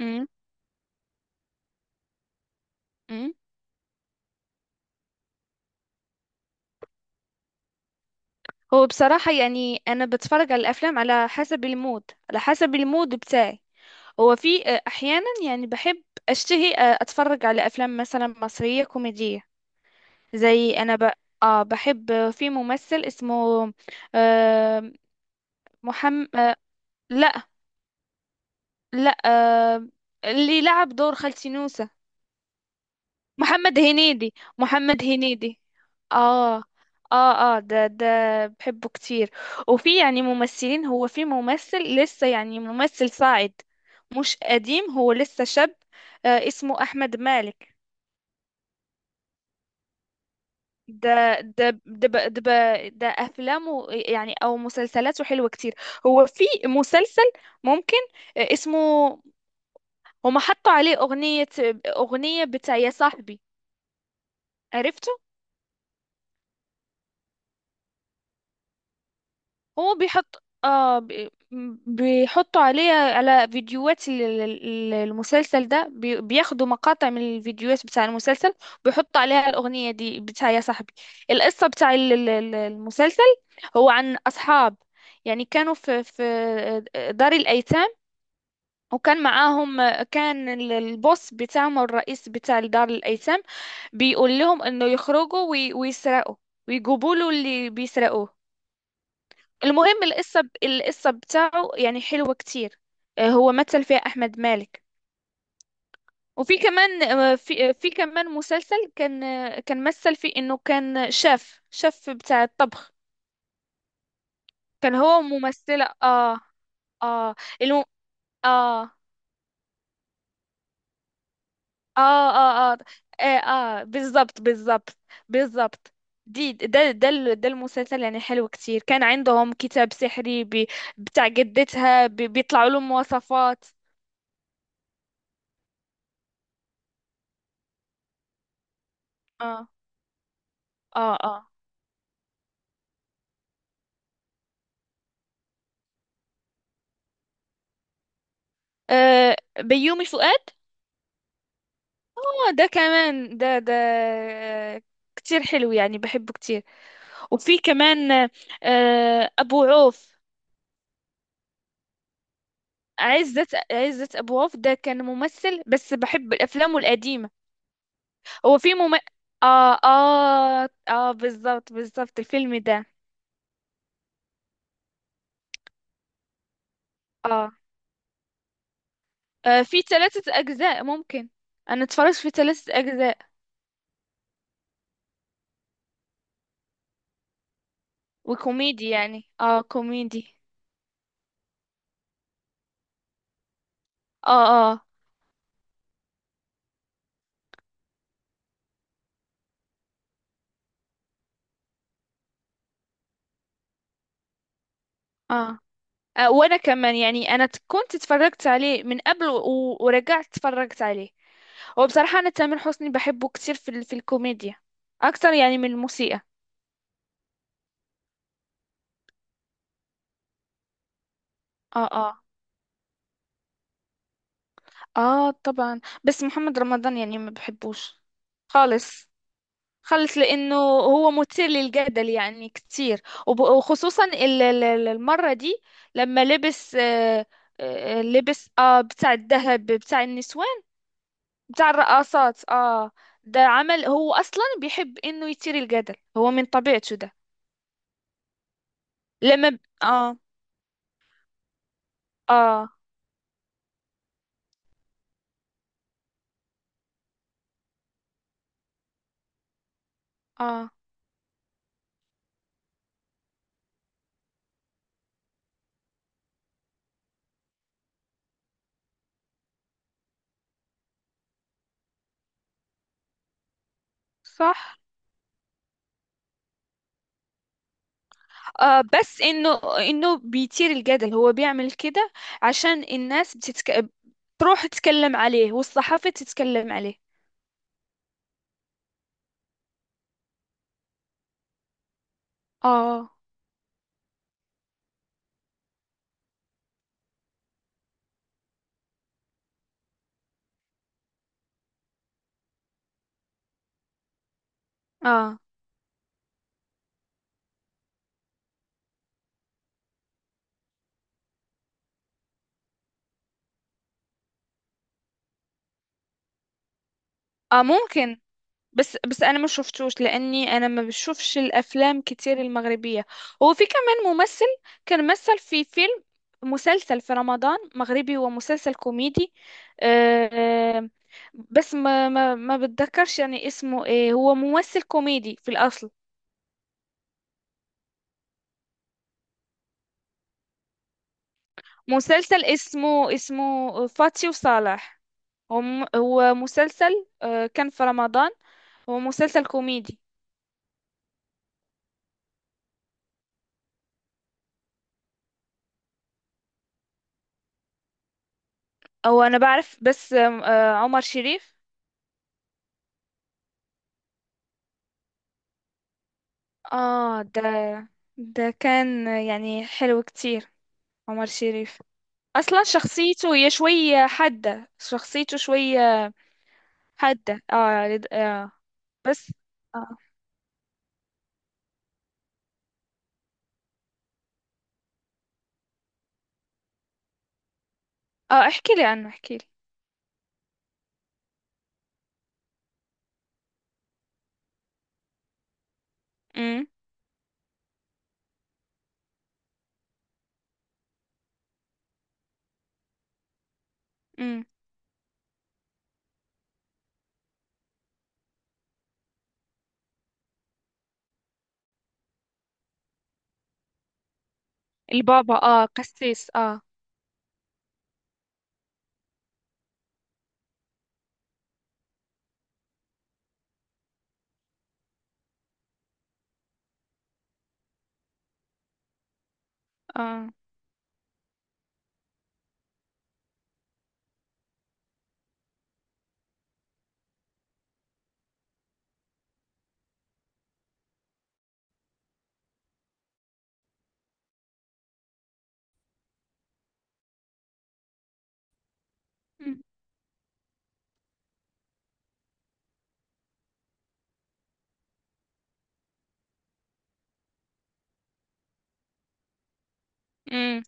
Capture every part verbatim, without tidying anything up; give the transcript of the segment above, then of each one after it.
مم. مم. هو بصراحة يعني أنا بتفرج على الأفلام على حسب المود على حسب المود بتاعي. هو في آه، أحيانا يعني بحب أشتهي آه، أتفرج على أفلام مثلا مصرية كوميدية. زي أنا ب... آه بحب، آه، في ممثل اسمه آه محمد، آه لا، لا، آه اللي لعب دور خالتي نوسة. محمد هنيدي محمد هنيدي اه، اه، اه، ده ده بحبه كتير. وفي يعني ممثلين، هو في ممثل لسه، يعني ممثل صاعد، مش قديم، هو لسه شاب. آه اسمه أحمد مالك. ده ده ده ب- ده ب- ده أفلامه يعني أو مسلسلاته حلوة كتير. هو في مسلسل ممكن، آه، اسمه، هما حطوا عليه أغنية أغنية بتاع يا صاحبي. عرفته؟ هو بيحط اه بي- بيحطوا عليه على فيديوهات ال- ال- ال- المسلسل ده، بي- بياخدوا مقاطع من الفيديوهات بتاع المسلسل ويحطوا عليها الأغنية دي بتاع يا صاحبي. القصة بتاع ال- ال- ال- المسلسل، هو عن أصحاب يعني كانوا في في دار الأيتام. وكان معاهم، كان ال- البوس بتاعهم أو الرئيس بتاع دار الأيتام بيقول لهم إنه يخرجوا وي- ويسرقوا ويجيبوا له اللي بيسرقوه. المهم، القصة القصة بتاعه يعني حلوة كتير. آه، هو مثل فيها أحمد مالك. وفي كمان، آه، في آه، في كمان مسلسل كان، آه، كان مثل فيه إنه كان شاف شاف بتاع الطبخ. كان هو ممثلة. اه اه الم... اه اه اه اه, آه, آه بالظبط، بالظبط، بالظبط. دي ده ده ال- ده المسلسل يعني حلو كتير. كان عندهم كتاب سحري، بي- بتاع جدتها، بي- بيطلعوا لهم وصفات. اه، اه، اه، آه بيومي فؤاد. آه، ده كمان. ده ده آه، كتير حلو يعني، بحبه كتير. وفي كمان آه أبو عوف. عزت عزت أبو عوف ده كان ممثل، بس بحب أفلامه القديمة. هو في مم... آه آه آه بالظبط، بالظبط، الفيلم ده. آه, آه في ثلاثة أجزاء ممكن. أنا اتفرجت في ثلاثة أجزاء. وكوميدي يعني، آه كوميدي. آه، آه، آه، آه، وانا كمان يعني، انا ت- كنت اتفرجت عليه من قبل، و- ورجعت اتفرجت عليه. هو بصراحة، انا تامر حسني بحبه كتير في ال- في الكوميديا اكتر يعني من الموسيقى. اه، اه، اه، طبعا. بس محمد رمضان يعني ما بحبوش خالص، خالص، لانه هو مثير للجدل يعني كتير. وب- وخصوصا ال- ال- ال- المرة دي لما لبس، آه آه، لبس اه بتاع الذهب بتاع النسوان، بتاع الرقصات اه ده عمل، هو اصلا بيحب انه يثير الجدل، هو من طبيعته ده. لما ب... اه اه اه صح. آه بس انه انه بيثير الجدل، هو بيعمل كده عشان الناس بتتك... تروح تتكلم عليه والصحافة تتكلم عليه. اه، اه، اه، ممكن. بس، بس انا ما شفتوش لاني انا ما بشوفش الافلام كتير المغربيه. هو في كمان ممثل كان مثل في فيلم مسلسل في رمضان مغربي، هو مسلسل كوميدي. آه، بس ما ما ما بتذكرش يعني اسمه ايه، هو ممثل كوميدي في الاصل. مسلسل اسمه اسمه فاتي وصالح. هو م- هو مسلسل، آه، كان في رمضان، هو مسلسل كوميدي. او انا بعرف، بس آم، آه، عمر شريف. اه، ده ده كان يعني حلو كتير، عمر شريف. اصلا شخصيته هي شوية حادة، شخصيته شوية حادة. اه، لد- آه. بس. اه، اه، احكي لي عنه، احكي لي. امم. امم. البابا، اه قسيس اه اه. امم. أمم.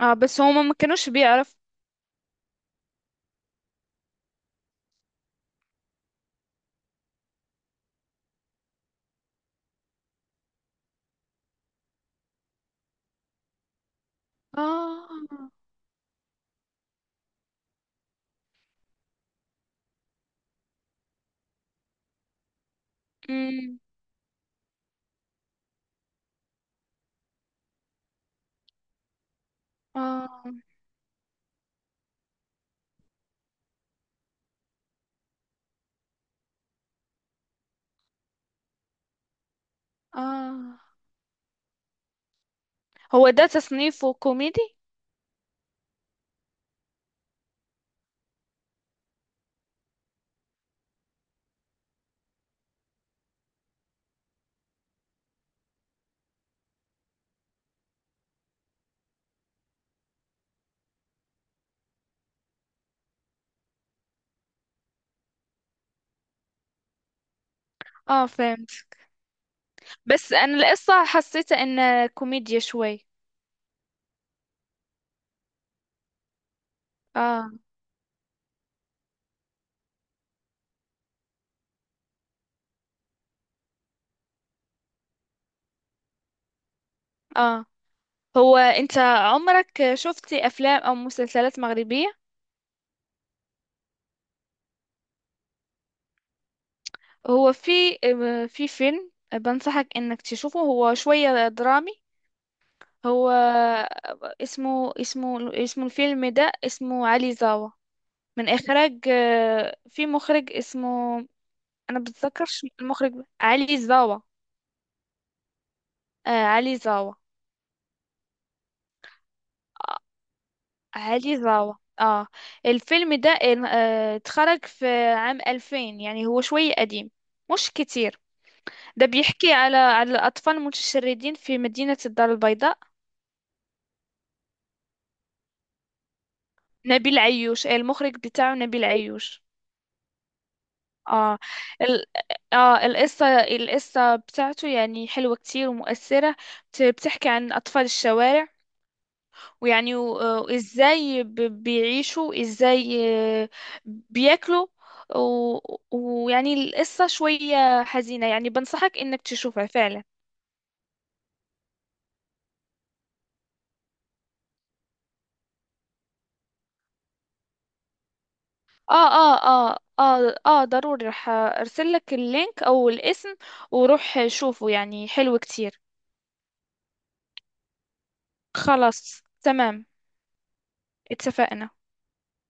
اه، بس هما ما كانوش بيعرف. اه. امم. اه. اه. هو ده تصنيفه كوميدي؟ اه، فهمت. بس انا القصة حسيتها انها كوميديا شوي. اه، اه، هو انت عمرك شفتي افلام او مسلسلات مغربية؟ هو في آه، في فيلم بنصحك انك تشوفه، هو شوية درامي. هو، اسمه اسمه اسمه الفيلم ده اسمه علي زاوة، من اخراج، آه، في مخرج اسمه، انا بتذكرش المخرج. علي زاوة. آه علي زاوة. علي زاوة، اه. الفيلم ده، آه، اتخرج في عام ألفين يعني هو شوية قديم، مش كتير. ده بيحكي على على الأطفال المتشردين في مدينة الدار البيضاء. نبيل عيوش، آه، المخرج بتاعه نبيل عيوش. اه. ال... اه القصة القصة بتاعته يعني حلوة كتير ومؤثرة، بت- بتحكي عن أطفال الشوارع ويعني و... آه، وإزاي ب... بيعيشوا إزاي. آه، بياكلوا و... ويعني القصة شوية حزينة، يعني بنصحك إنك تشوفها فعلا. اه، اه، اه، اه، اه، ضروري، رح ارسل لك اللينك او الاسم وروح شوفه يعني حلو كتير. خلاص، تمام. اتفقنا.